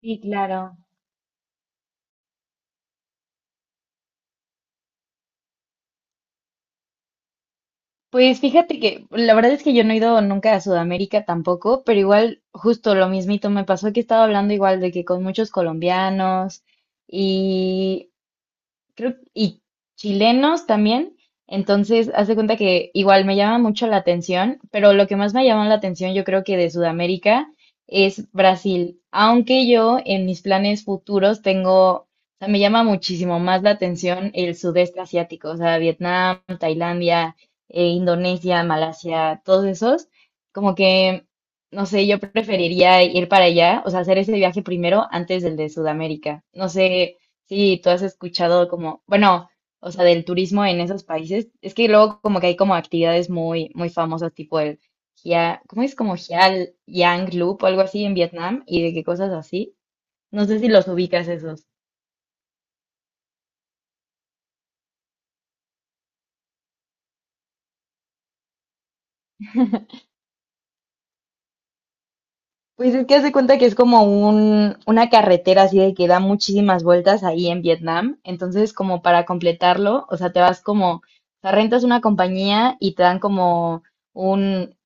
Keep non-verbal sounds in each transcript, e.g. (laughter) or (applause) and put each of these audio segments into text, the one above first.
Sí, claro. Pues fíjate que la verdad es que yo no he ido nunca a Sudamérica tampoco, pero igual justo lo mismito me pasó que estaba hablando igual de que con muchos colombianos y y chilenos también. Entonces, haz de cuenta que igual me llama mucho la atención, pero lo que más me llama la atención, yo creo que de Sudamérica es Brasil. Aunque yo en mis planes futuros tengo, o sea, me llama muchísimo más la atención el sudeste asiático, o sea, Vietnam, Tailandia, Indonesia, Malasia, todos esos. Como que, no sé, yo preferiría ir para allá, o sea, hacer ese viaje primero antes del de Sudamérica. No sé. Sí, ¿tú has escuchado como, bueno, o sea, del turismo en esos países? Es que luego como que hay como actividades muy, muy famosas, tipo el Hia, ¿cómo es? Como Hia Yang Loop o algo así en Vietnam y de qué cosas así. No sé si los ubicas esos. Pues es que hace cuenta que es como una carretera así de que da muchísimas vueltas ahí en Vietnam. Entonces, como para completarlo, o sea, te vas como, o sea, rentas una compañía y te dan como un,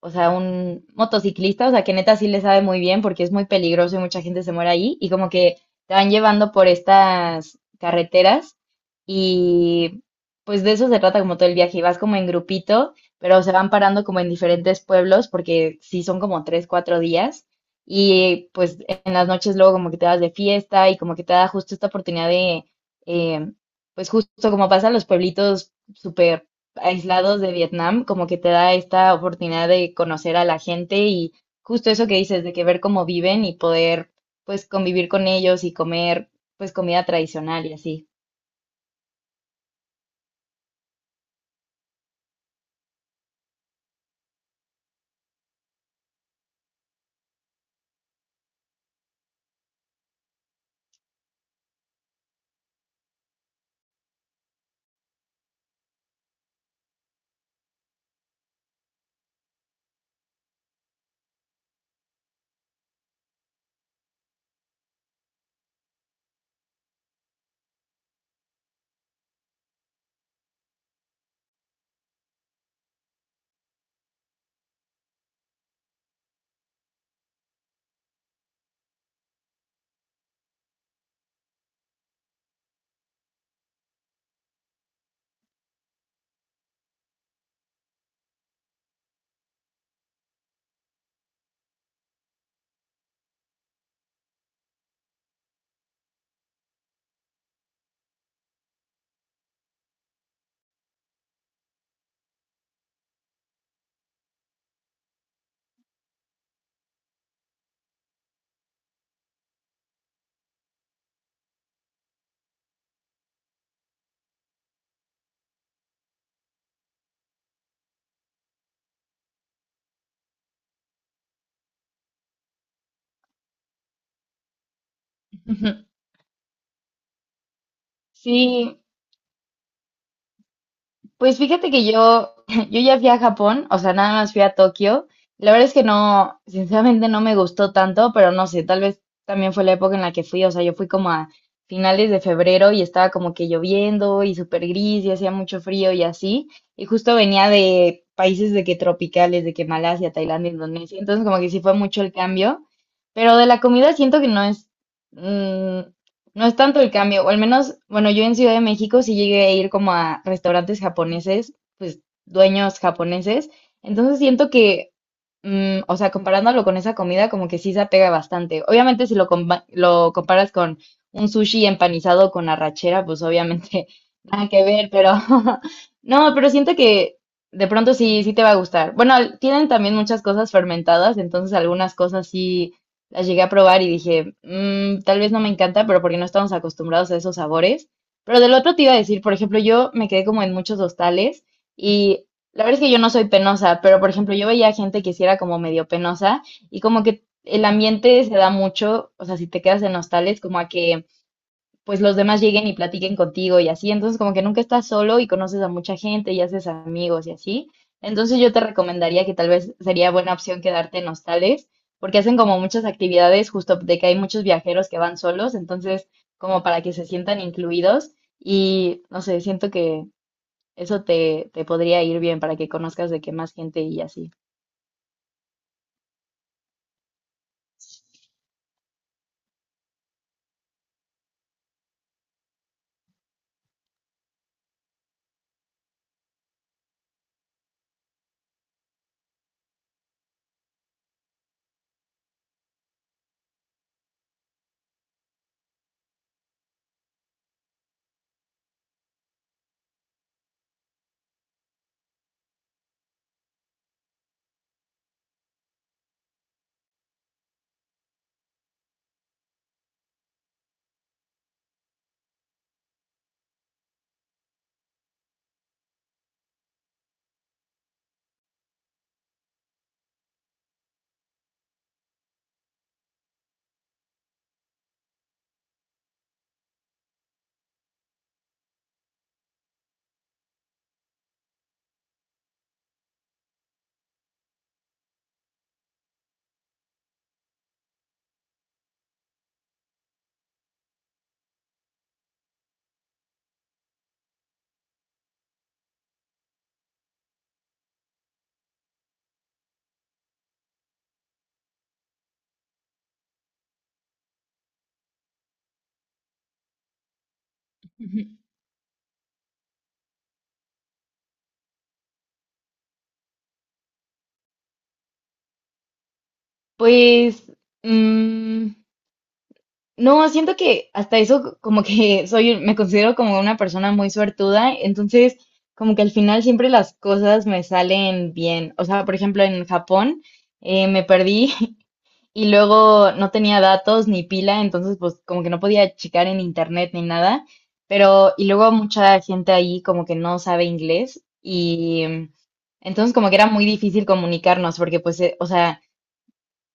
o sea, un motociclista, o sea, que neta sí le sabe muy bien porque es muy peligroso y mucha gente se muere ahí. Y como que te van llevando por estas carreteras y pues de eso se trata como todo el viaje. Y vas como en grupito, pero se van parando como en diferentes pueblos porque sí son como tres, cuatro días. Y pues en las noches luego como que te vas de fiesta y como que te da justo esta oportunidad de, eh, pues justo como pasa en los pueblitos súper aislados de Vietnam, como que te da esta oportunidad de conocer a la gente y justo eso que dices, de que ver cómo viven y poder pues convivir con ellos y comer pues comida tradicional y así. (laughs) Sí. Pues fíjate que yo, (laughs) yo ya fui a Japón, o sea, nada más fui a Tokio. La verdad es que no, sinceramente no me gustó tanto, pero no sé, tal vez también fue la época en la que fui, o sea, yo fui como a finales de febrero y estaba como que lloviendo y súper gris y hacía mucho frío y así. Y justo venía de países de que tropicales, de que Malasia, Tailandia, Indonesia, entonces como que sí fue mucho el cambio, pero de la comida siento que no es, mm, no es tanto el cambio, o al menos, bueno, yo en Ciudad de México sí llegué a ir como a restaurantes japoneses, pues dueños japoneses, entonces siento que, o sea, comparándolo con esa comida, como que sí se apega bastante. Obviamente si lo, lo comparas con un sushi empanizado con arrachera, pues obviamente (laughs) nada que ver, pero (laughs) no, pero siento que de pronto sí, sí te va a gustar. Bueno, tienen también muchas cosas fermentadas, entonces algunas cosas sí las llegué a probar y dije, "Mm, tal vez no me encanta, pero porque no estamos acostumbrados a esos sabores". Pero del otro te iba a decir, por ejemplo, yo me quedé como en muchos hostales y la verdad es que yo no soy penosa, pero por ejemplo, yo veía gente que sí era como medio penosa y como que el ambiente se da mucho, o sea, si te quedas en hostales, como a que pues los demás lleguen y platiquen contigo y así. Entonces, como que nunca estás solo y conoces a mucha gente y haces amigos y así. Entonces, yo te recomendaría que tal vez sería buena opción quedarte en hostales, porque hacen como muchas actividades, justo de que hay muchos viajeros que van solos, entonces, como para que se sientan incluidos. Y no sé, siento que eso te, te podría ir bien para que conozcas de qué más gente y así. Ujú. Pues, mm, no, siento que hasta eso como que (laughs) soy, me considero como una persona muy suertuda, entonces como que al final siempre las cosas me salen bien. O sea, por ejemplo, en Japón me perdí (laughs) y luego no tenía datos ni pila, entonces pues como que no podía checar en internet ni nada, pero y luego mucha gente ahí como que no sabe inglés y entonces como que era muy difícil comunicarnos porque pues, o sea...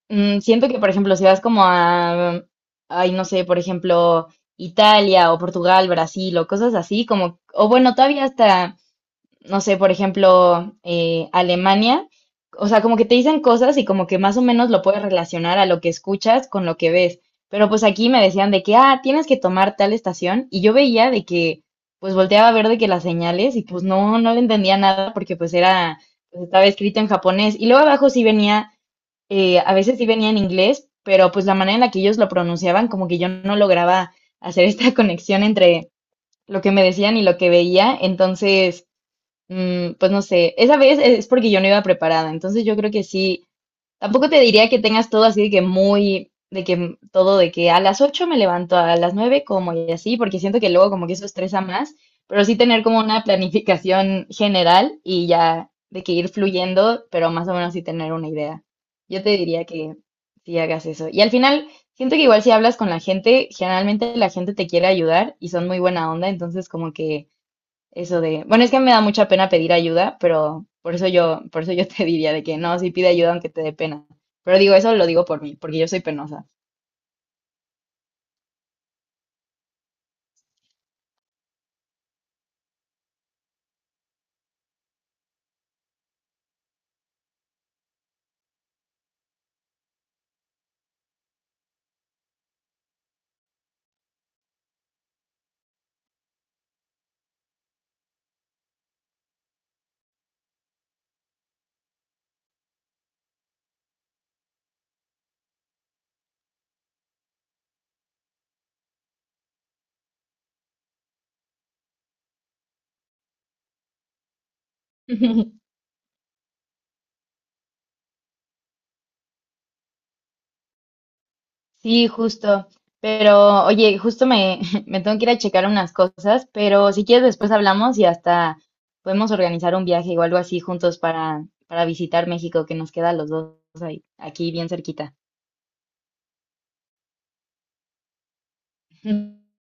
Mm, siento que, por ejemplo, si vas como a, ay, no sé, por ejemplo, Italia o Portugal, Brasil o cosas así, como, o bueno, todavía hasta, no sé, por ejemplo, Alemania, o sea, como que te dicen cosas y como que más o menos lo puedes relacionar a lo que escuchas con lo que ves. Pero pues aquí me decían de que, ah, tienes que tomar tal estación y yo veía de que, pues volteaba a ver de que las señales y pues no, no le entendía nada porque pues era, pues estaba escrito en japonés y luego abajo sí venía a veces sí venía en inglés, pero pues la manera en la que ellos lo pronunciaban, como que yo no lograba hacer esta (laughs) conexión entre lo que me decían y lo que veía, entonces, pues no sé, esa vez es porque yo no iba preparada, entonces yo creo que sí, tampoco te diría que tengas todo así de que muy, de que todo de que a las 8 me levanto, a las 9 como y así, porque siento que luego como que eso estresa más, pero sí tener como una planificación general y ya de que ir fluyendo, pero más o menos sí tener una idea. Yo te diría que sí hagas eso. Y al final, siento que igual si hablas con la gente, generalmente la gente te quiere ayudar y son muy buena onda, entonces como que eso de, bueno, es que me da mucha pena pedir ayuda, pero por eso yo te diría de que no, sí pide ayuda aunque te dé pena. Pero digo, eso lo digo por mí, porque yo soy penosa. (laughs) Sí, justo. Pero, oye, (laughs) me tengo que ir a checar unas cosas, pero si quieres después hablamos y hasta podemos organizar un viaje o algo así juntos para visitar México, que nos queda a los dos ahí, aquí bien cerquita. (laughs)